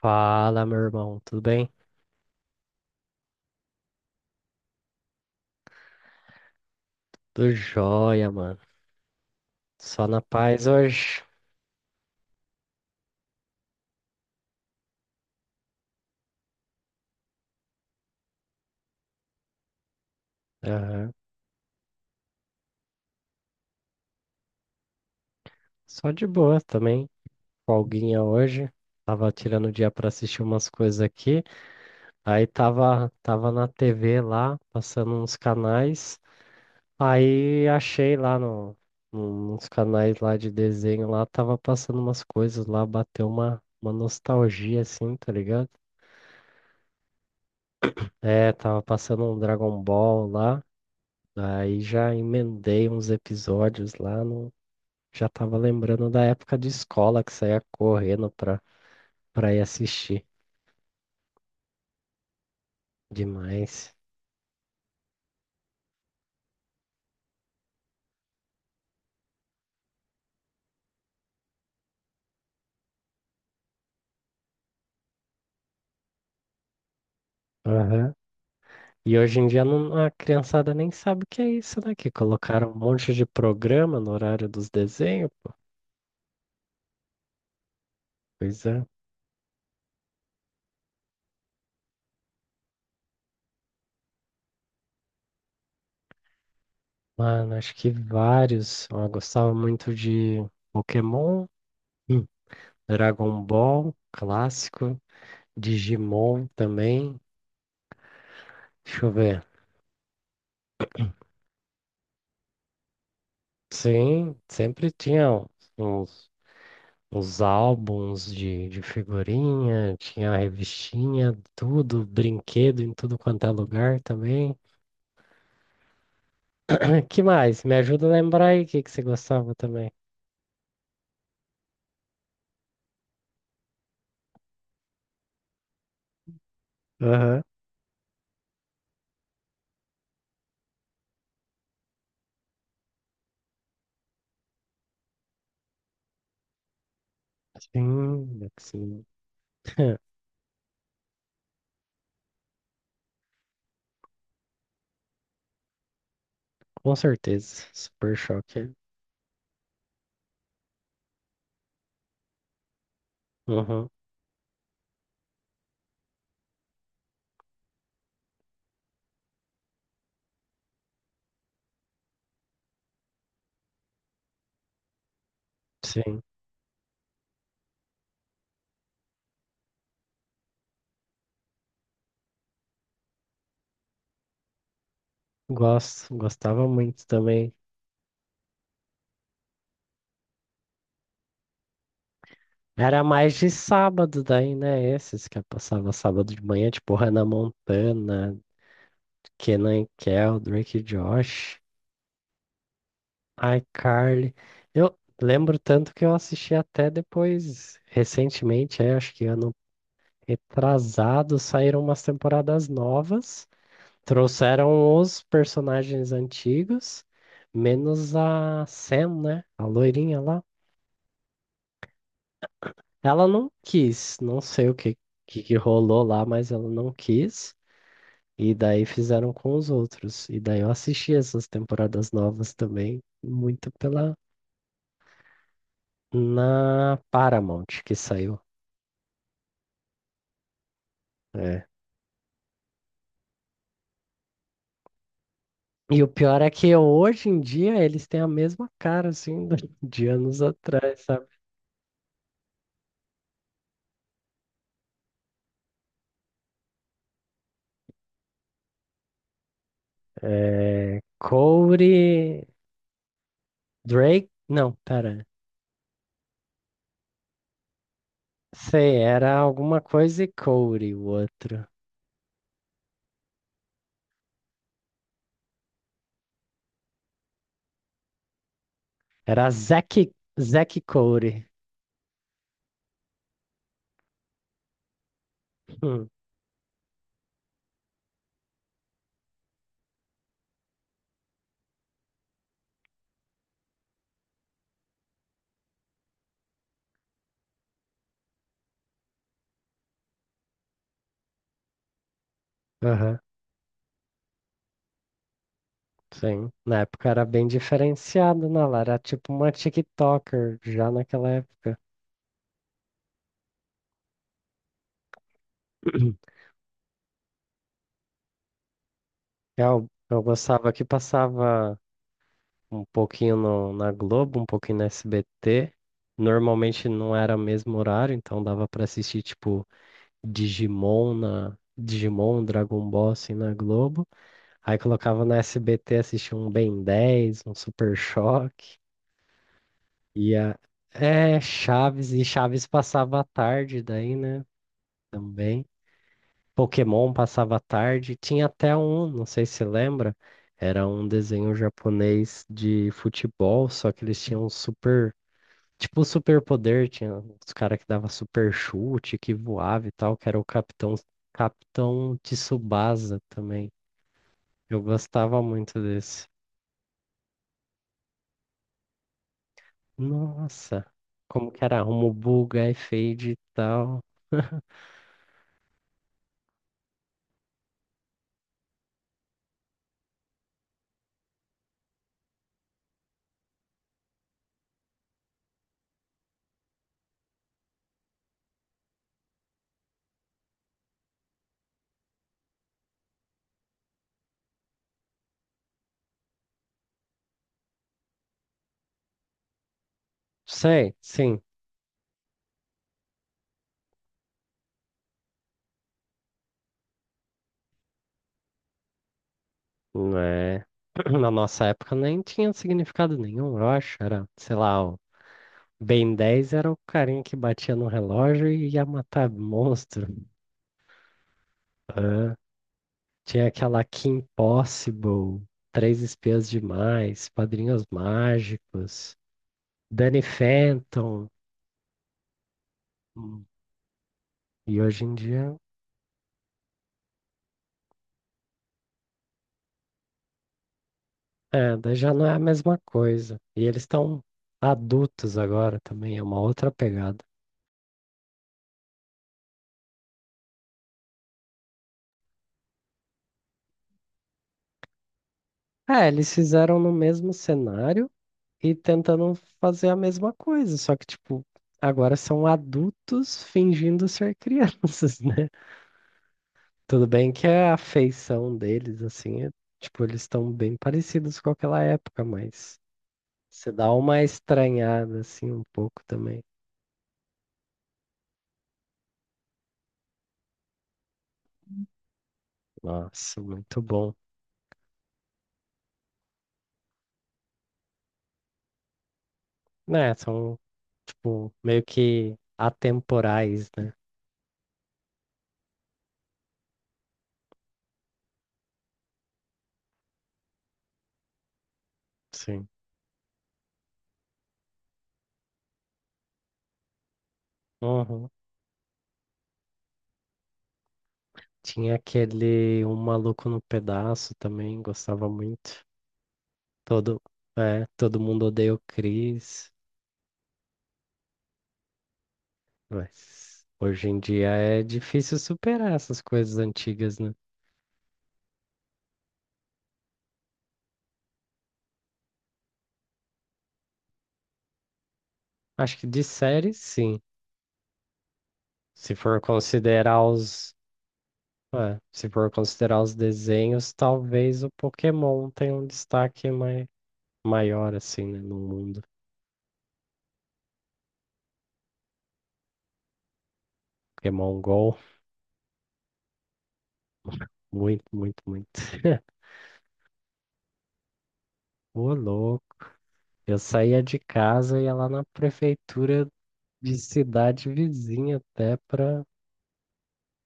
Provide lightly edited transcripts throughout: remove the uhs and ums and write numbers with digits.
Fala, meu irmão, tudo bem? Tudo jóia, mano. Só na paz hoje. Aham. Só de boa também. Folguinha hoje. Tava tirando o dia pra assistir umas coisas aqui. Aí tava na TV lá, passando uns canais. Aí achei lá nos canais lá de desenho lá, tava passando umas coisas lá, bateu uma nostalgia assim, tá ligado? É, tava passando um Dragon Ball lá. Aí já emendei uns episódios lá no. Já tava lembrando da época de escola que saía correndo pra ir assistir. Demais. Aham. E hoje em dia não- a criançada nem sabe o que é isso, né? Que colocaram um monte de programa no horário dos desenhos. Pois é. Mano, acho que vários. Eu gostava muito de Pokémon, hum, Dragon Ball, clássico, Digimon também. Deixa eu ver. Sim, sempre tinha uns os álbuns de figurinha, tinha a revistinha, tudo, brinquedo em tudo quanto é lugar também. Que mais? Me ajuda a lembrar aí o que que você gostava também. Aham. Sim, sim. Com certeza. Super choque. Uhum, sim. Gosto, gostava muito também. Era mais de sábado daí, né? Esses que eu passava sábado de manhã, tipo Hannah Montana, Kenan e Kel, Drake e Josh. iCarly. Eu lembro tanto que eu assisti até depois, recentemente, é, acho que ano retrasado, saíram umas temporadas novas, trouxeram os personagens antigos, menos a Sam, né? A loirinha lá. Ela não quis, não sei o que, que rolou lá, mas ela não quis. E daí fizeram com os outros. E daí eu assisti essas temporadas novas também, muito pela na Paramount que saiu. É. E o pior é que hoje em dia eles têm a mesma cara, assim, do- de anos atrás, sabe? É, Corey, Drake, não, pera. Sei, era alguma coisa e Corey, o outro. Era Zack, Zack Corey. Hum, Aham, sim. Na época era bem diferenciado, né? Ela era tipo uma TikToker já naquela época. Eu gostava que passava. Um pouquinho no- na Globo, um pouquinho na SBT. Normalmente não era o mesmo horário, então dava pra assistir tipo Digimon na Digimon, Dragon Ball assim na Globo. Aí colocava na SBT assistia um Ben dez, um Super Choque. E a... É, Chaves, e Chaves passava à tarde daí, né? Também. Pokémon passava à tarde. Tinha até um, não sei se você lembra, era um desenho japonês de futebol, só que eles tinham um super tipo superpoder, tinha os caras que dava super chute, que voava e tal, que era o Capitão Tsubasa também. Eu gostava muito desse. Nossa, como que era? Rumo buga e fade e tal. Sei, sim. Não é- Na nossa época nem tinha significado nenhum, eu acho. Era, sei lá, o Ben 10 era o carinha que batia no relógio e ia matar monstro. Ah. Tinha aquela Kim Possible, Três Espiãs Demais, Padrinhos Mágicos, Danny Phantom. Hum. E hoje em dia, é, daí já não é a mesma coisa. E eles estão adultos agora também, é uma outra pegada. É, eles fizeram no mesmo cenário e tentando fazer a mesma coisa, só que, tipo, agora são adultos fingindo ser crianças, né? Tudo bem que a feição deles, assim, é- tipo, eles estão bem parecidos com aquela época, mas você dá uma estranhada, assim, um pouco também. Nossa, muito bom. Né, são, tipo, meio que atemporais, né? Sim. Uhum. Tinha aquele Um Maluco no Pedaço também, gostava muito. Todo, todo mundo odeia o Chris, mas hoje em dia é difícil superar essas coisas antigas, né? Acho que de série, sim. Se for considerar os desenhos, talvez o Pokémon tenha um destaque maior, assim, né, no mundo. Pokémon Go, muito, muito, muito. Ô, louco. Eu saía de casa e ia lá na prefeitura de cidade vizinha até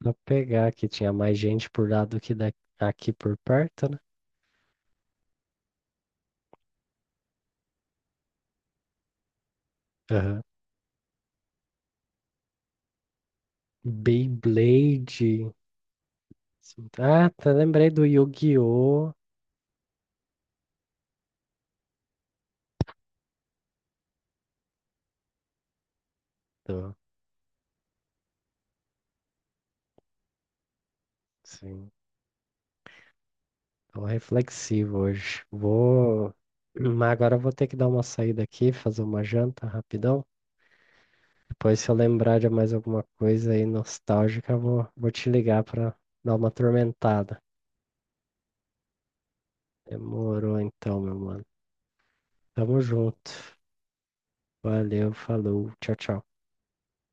pra pegar, que tinha mais gente por lá do que da, aqui por perto, né? Aham. Beyblade. Assim, ah, tá, lembrei do Yu-Gi-Oh! Tô, sim. Tô reflexivo hoje. Vou. Mas agora eu vou ter que dar uma saída aqui, fazer uma janta rapidão. Depois, se eu lembrar de mais alguma coisa aí nostálgica, eu vou te ligar pra dar uma atormentada. Demorou então, meu mano. Tamo junto. Valeu, falou. Tchau, tchau.